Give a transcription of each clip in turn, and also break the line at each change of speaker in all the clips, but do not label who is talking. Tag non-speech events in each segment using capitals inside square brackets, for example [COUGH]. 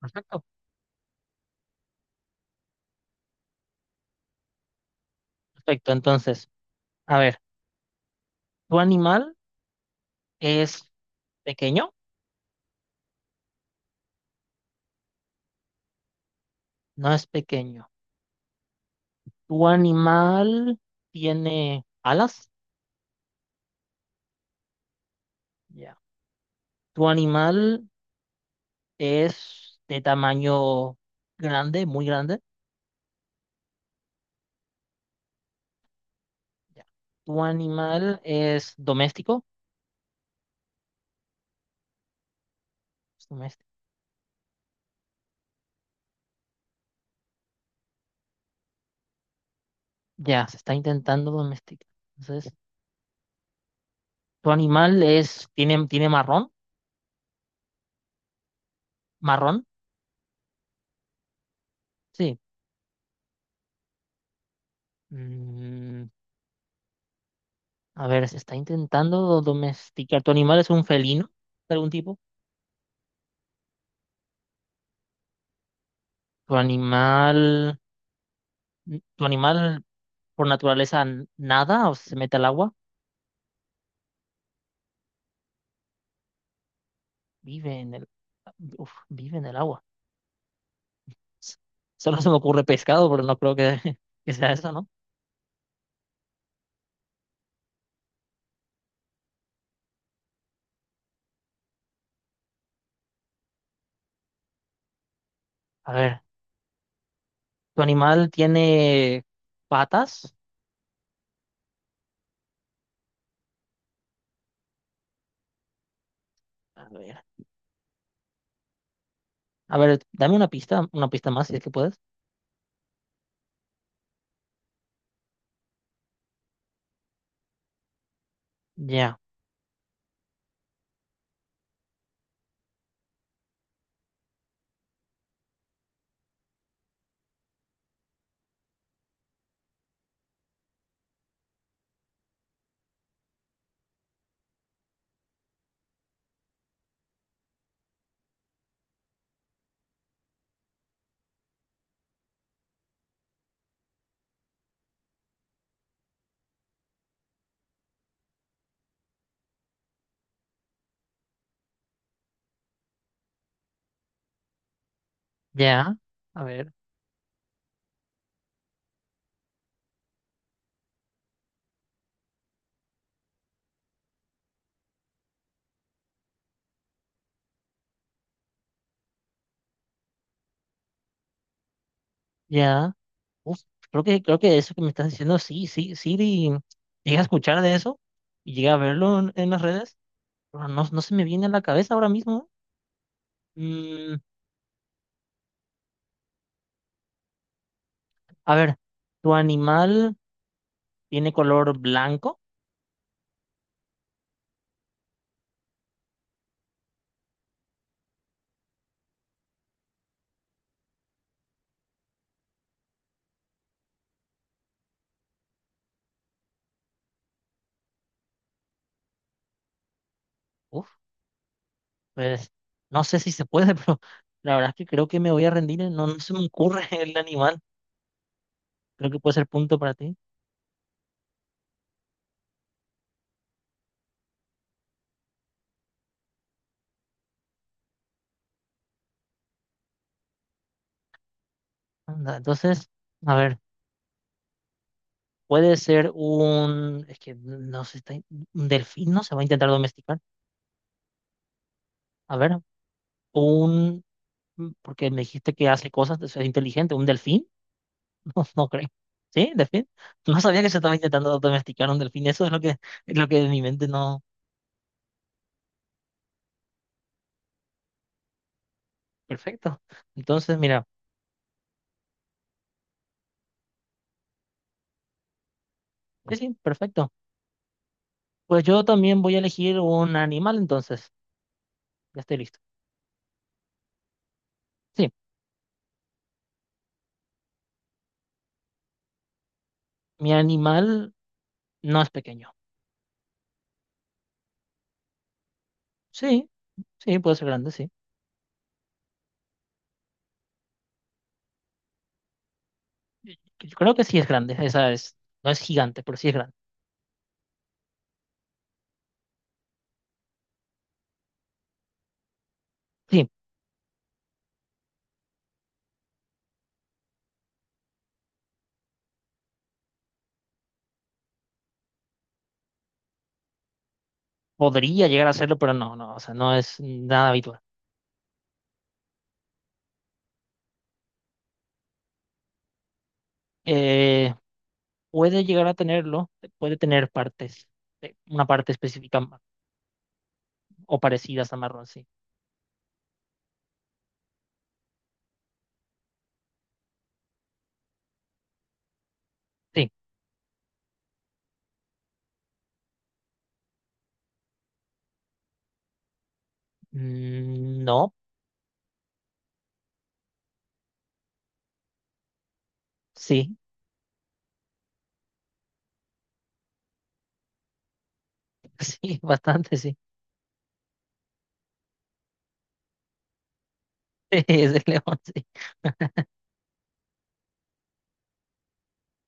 Perfecto, perfecto. Entonces, a ver, ¿tu animal es pequeño? No es pequeño. ¿Tu animal tiene alas? Ya. ¿Tu animal es de tamaño grande, muy grande? Ya. ¿Tu animal es doméstico? Es doméstico. Ya, se está intentando domesticar. Entonces, ¿tu animal es, tiene marrón? ¿Marrón? Sí. Mm, a ver, se está intentando domesticar. ¿Tu animal es un felino? ¿De algún tipo? ¿Tu animal, tu animal por naturaleza nada o se mete al agua? Vive en uf, vive en el agua. S- Solo se me ocurre pescado, pero no creo que, [LAUGHS] que sea eso, ¿no? A ver, ¿tu animal tiene patas? A ver, a ver, dame una pista más si es que puedes. Ya, ya, a ver, ya. Uf, creo que eso que me estás diciendo, sí, sí, sí, llegué a escuchar de eso y llegué a verlo en las redes, pero no, no se me viene a la cabeza ahora mismo. Mm, a ver, ¿tu animal tiene color blanco? Uf, pues no sé si se puede, [LAUGHS] pero la verdad es que creo que me voy a rendir. No, no se me ocurre [LAUGHS] el animal. Creo que puede ser punto para ti. Anda, entonces, a ver, puede ser un... Es que no sé, un delfín, ¿no? Se va a intentar domesticar. A ver, un... Porque me dijiste que hace cosas, es inteligente. ¿Un delfín? [LAUGHS] No, no creo. ¿Sí? ¿Delfín? No sabía que se estaba intentando domesticar un delfín. Eso es es lo que en mi mente no... Perfecto. Entonces, mira, sí, sí, perfecto. Pues yo también voy a elegir un animal, entonces. Ya estoy listo. Sí, mi animal no es pequeño. Sí, sí, puede ser grande, sí. Yo creo que sí es grande. No es gigante, pero sí es grande. Sí, podría llegar a serlo, pero no, no, o sea, no es nada habitual. Eh, puede llegar a tenerlo, puede tener partes, una parte específica o parecidas a marrón, sí. Sí. Mm, no, sí, [LAUGHS] sí, bastante, sí. [LAUGHS] Es de león, sí.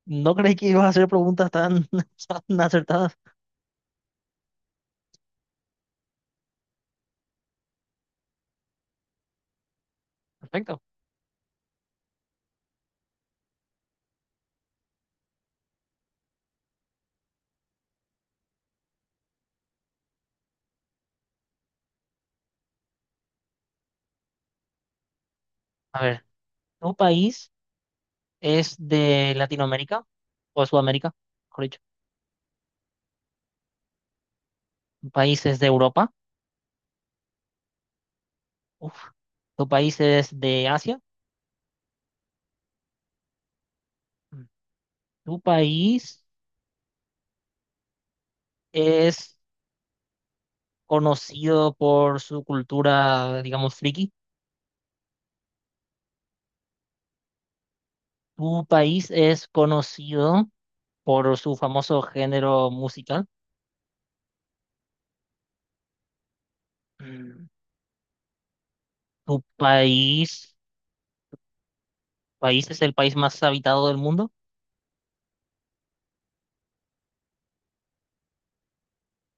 No creí que ibas a hacer preguntas tan, [LAUGHS] tan acertadas. Perfecto. A ver, ¿tu país es de Latinoamérica o de Sudamérica? Mejor dicho, ¿tu país es de Europa? Uf. ¿Tu país es de Asia? Mm. ¿Tu país es conocido por su cultura, digamos, friki? ¿Tu país es conocido por su famoso género musical? Mm. ¿Tu país, país es el país más habitado del mundo?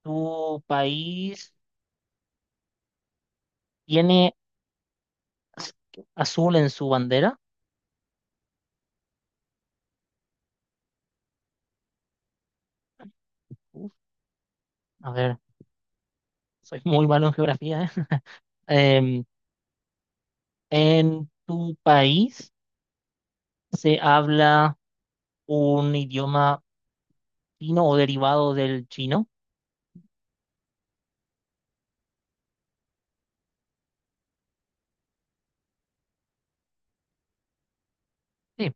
¿Tu país ¿tiene az- azul en su bandera? Uf, a ver, soy muy malo en geografía, ¿eh? [LAUGHS] Em, ¿En tu país se habla un idioma chino o derivado del chino? Sí.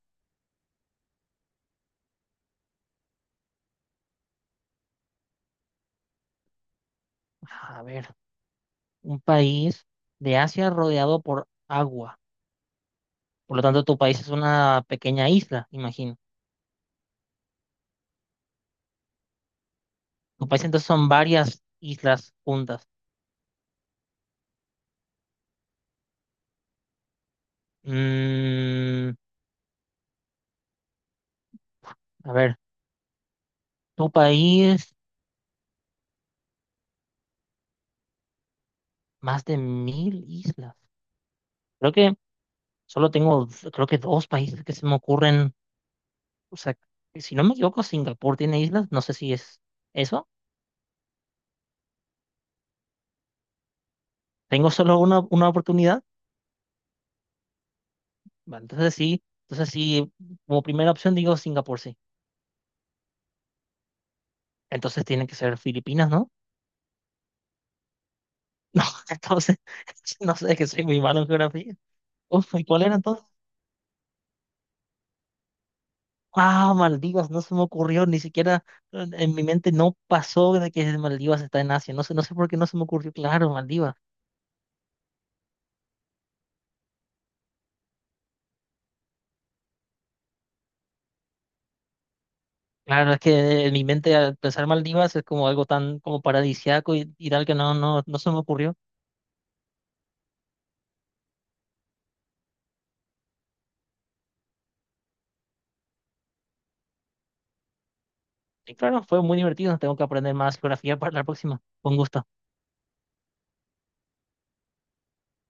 A ver, un país de Asia rodeado por agua. Por lo tanto, tu país es una pequeña isla, imagino. Tu país entonces son varias islas juntas. Mm, a ver, tu país, más de 1000 islas. Creo que solo tengo, creo que 2 países que se me ocurren. O sea, que si no me equivoco, Singapur tiene islas. No sé si es eso. Tengo solo una oportunidad. Bueno, entonces sí, como primera opción digo Singapur, sí. Entonces tiene que ser Filipinas, ¿no? [LAUGHS] No, entonces, [LAUGHS] no sé, que soy muy malo en geografía. Uf, ¿y cuál era entonces? Ah, Maldivas, no se me ocurrió, ni siquiera en mi mente no pasó de que Maldivas está en Asia. No sé, no sé por qué no se me ocurrió. Claro, Maldivas. Claro, es que en mi mente al pensar Maldivas es como algo tan como paradisíaco y tal que no, no, no se me ocurrió. Y claro, fue muy divertido. Tengo que aprender más geografía para la próxima. Con gusto.